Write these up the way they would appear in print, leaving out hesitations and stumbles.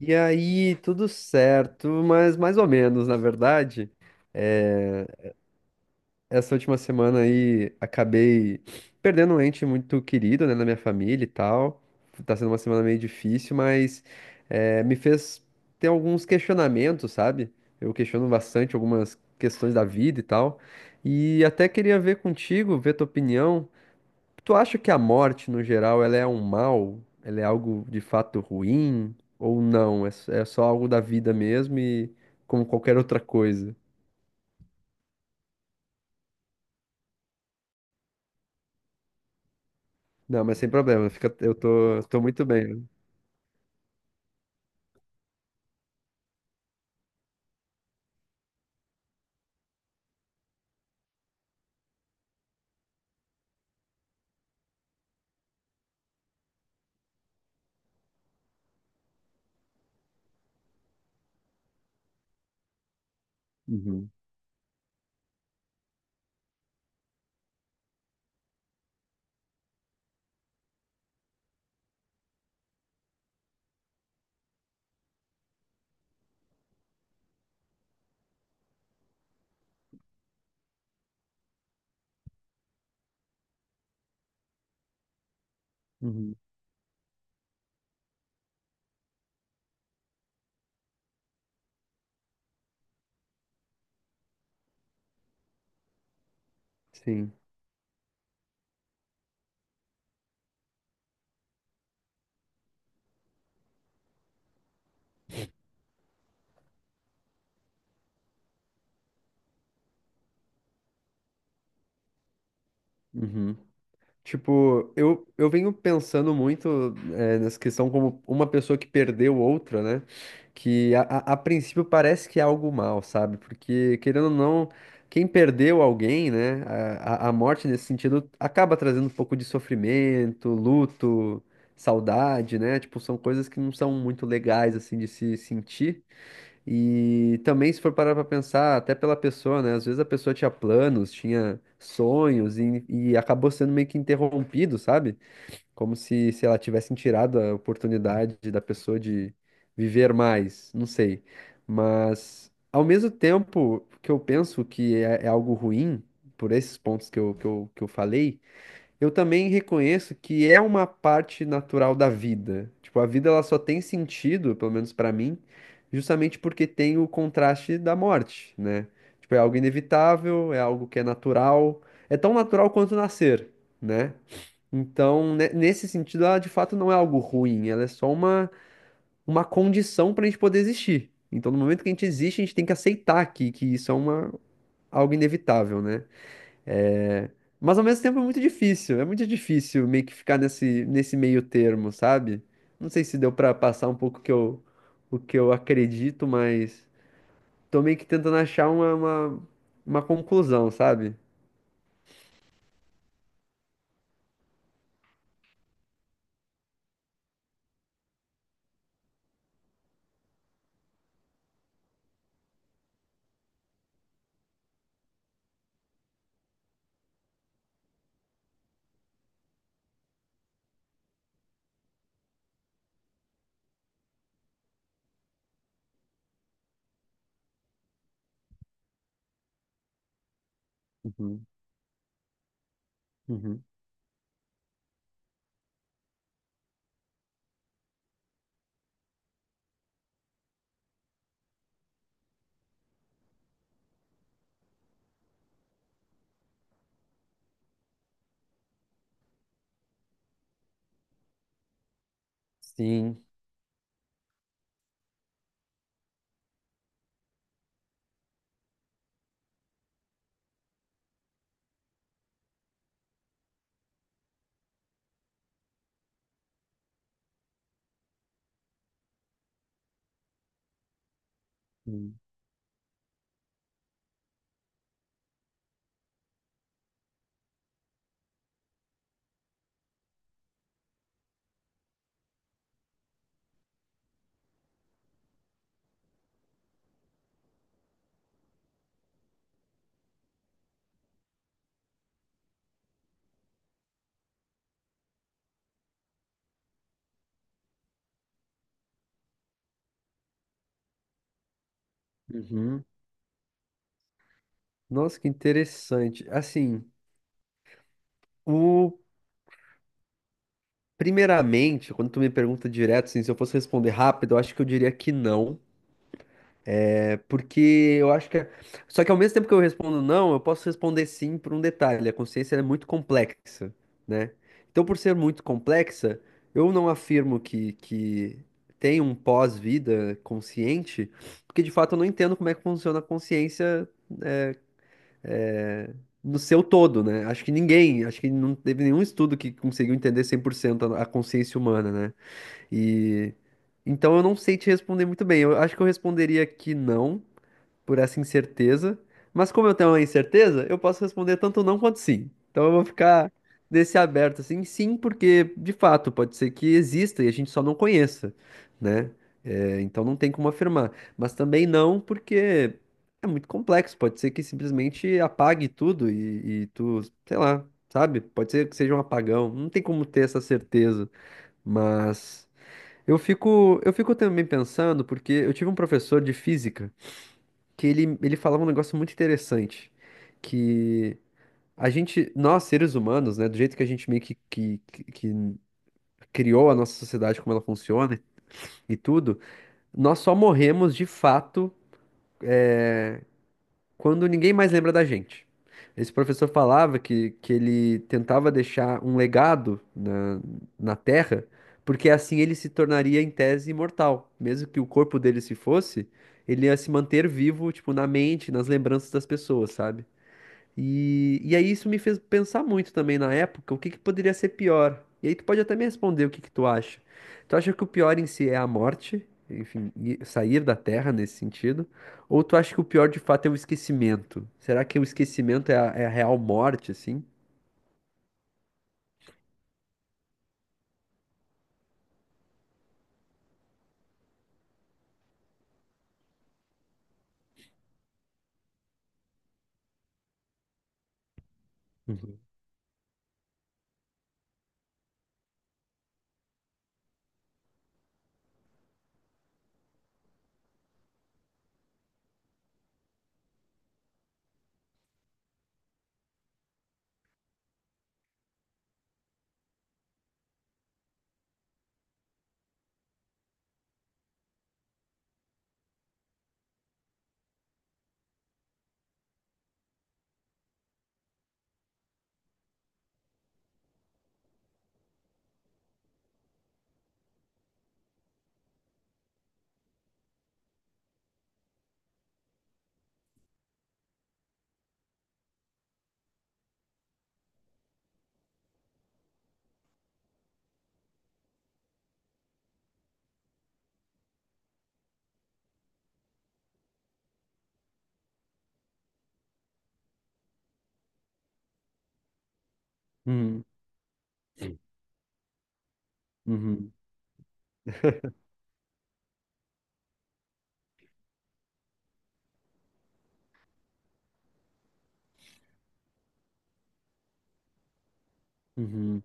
E aí, tudo certo, mas mais ou menos, na verdade. Essa última semana aí acabei perdendo um ente muito querido, né, na minha família e tal. Tá sendo uma semana meio difícil, mas me fez ter alguns questionamentos, sabe? Eu questiono bastante algumas questões da vida e tal. E até queria ver contigo, ver tua opinião. Tu acha que a morte, no geral, ela é um mal? Ela é algo de fato ruim? Ou não? É, é só algo da vida mesmo e como qualquer outra coisa? Não, mas sem problema, fica, eu tô muito bem. Uhum, uhum, sim. Uhum. Tipo, eu venho pensando muito nessa questão como uma pessoa que perdeu outra, né? Que a princípio parece que é algo mal, sabe? Porque, querendo ou não, quem perdeu alguém, né? A morte nesse sentido acaba trazendo um pouco de sofrimento, luto, saudade, né? Tipo, são coisas que não são muito legais, assim, de se sentir. E também, se for parar pra pensar, até pela pessoa, né? Às vezes a pessoa tinha planos, tinha sonhos e acabou sendo meio que interrompido, sabe? Como se ela tivesse tirado a oportunidade da pessoa de viver mais, não sei. Mas, ao mesmo tempo que eu penso que é algo ruim, por esses pontos que eu falei, eu também reconheço que é uma parte natural da vida. Tipo, a vida ela só tem sentido, pelo menos pra mim, justamente porque tem o contraste da morte, né? Tipo, é algo inevitável, é algo que é natural, é tão natural quanto nascer, né? Então, nesse sentido, ela de fato não é algo ruim, ela é só uma condição pra gente poder existir. Então, no momento que a gente existe, a gente tem que aceitar que isso é uma, algo inevitável, né? É, Mas ao mesmo tempo é muito difícil meio que ficar nesse meio termo, sabe? Não sei se deu pra passar um pouco o o que eu acredito, mas tô meio que tentando achar uma conclusão, sabe? Uhum, uhum, sim, uhum. Uhum. Nossa, que interessante. Assim, o primeiramente, quando tu me pergunta direto, assim, se eu fosse responder rápido, eu acho que eu diria que não. Porque eu acho que. Só que ao mesmo tempo que eu respondo não, eu posso responder sim por um detalhe. A consciência ela é muito complexa, né? Então, por ser muito complexa, eu não afirmo que tem um pós-vida consciente, porque de fato eu não entendo como é que funciona a consciência é, no seu todo, né? Acho que ninguém, acho que não teve nenhum estudo que conseguiu entender 100% a consciência humana, né? E então eu não sei te responder muito bem. Eu acho que eu responderia que não, por essa incerteza. Mas como eu tenho uma incerteza, eu posso responder tanto não quanto sim. Então eu vou ficar nesse aberto assim, sim, porque de fato pode ser que exista e a gente só não conheça, né? É, então não tem como afirmar. Mas também não, porque é muito complexo. Pode ser que simplesmente apague tudo e tu, sei lá, sabe? Pode ser que seja um apagão. Não tem como ter essa certeza. Mas eu fico também pensando, porque eu tive um professor de física que ele falava um negócio muito interessante, que a gente, nós seres humanos, né, do jeito que a gente meio que criou a nossa sociedade, como ela funciona e tudo, nós só morremos de fato quando ninguém mais lembra da gente. Esse professor falava que ele tentava deixar um legado na Terra, porque assim ele se tornaria, em tese, imortal. Mesmo que o corpo dele se fosse, ele ia se manter vivo, tipo, na mente, nas lembranças das pessoas, sabe? E aí isso me fez pensar muito também na época, o que que poderia ser pior? E aí tu pode até me responder o que que tu acha. Tu acha que o pior em si é a morte, enfim, e sair da Terra nesse sentido? Ou tu acha que o pior de fato é o esquecimento? Será que o esquecimento é é a real morte, assim? Uhum. Uhum. Uhum. Uhum.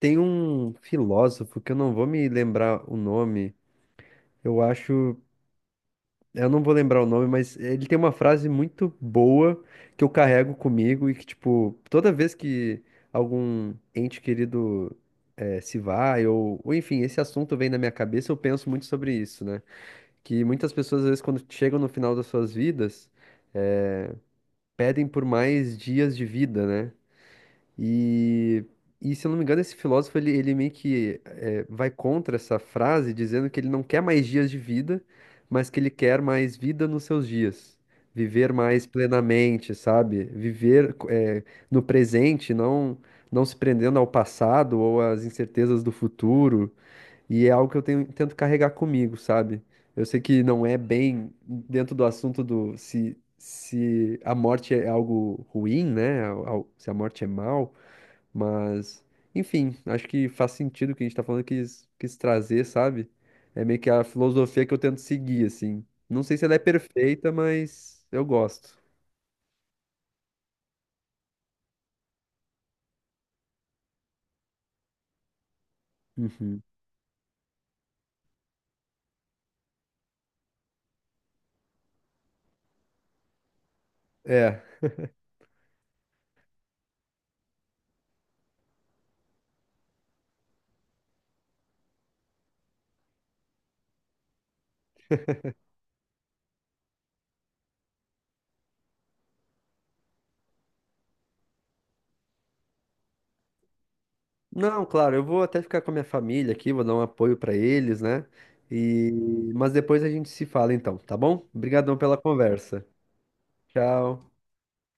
Tem um filósofo que eu não vou me lembrar o nome, eu acho. Eu não vou lembrar o nome, mas ele tem uma frase muito boa que eu carrego comigo e que, tipo, toda vez que algum ente querido se vai, ou enfim, esse assunto vem na minha cabeça, eu penso muito sobre isso, né? Que muitas pessoas, às vezes, quando chegam no final das suas vidas, eh, pedem por mais dias de vida, né? E, e se eu não me engano, esse filósofo ele meio que vai contra essa frase, dizendo que ele não quer mais dias de vida, mas que ele quer mais vida nos seus dias. Viver mais plenamente, sabe? Viver no presente, não se prendendo ao passado ou às incertezas do futuro. E é algo que tento carregar comigo, sabe? Eu sei que não é bem dentro do assunto do se a morte é algo ruim, né? Se a morte é mal. Mas, enfim, acho que faz sentido o que a gente tá falando, quis trazer, sabe? É meio que a filosofia que eu tento seguir, assim. Não sei se ela é perfeita, mas eu gosto. Uhum. É. Não, claro, eu vou até ficar com a minha família aqui, vou dar um apoio pra eles, né? E... Mas depois a gente se fala então, tá bom? Obrigadão pela conversa. Tchau.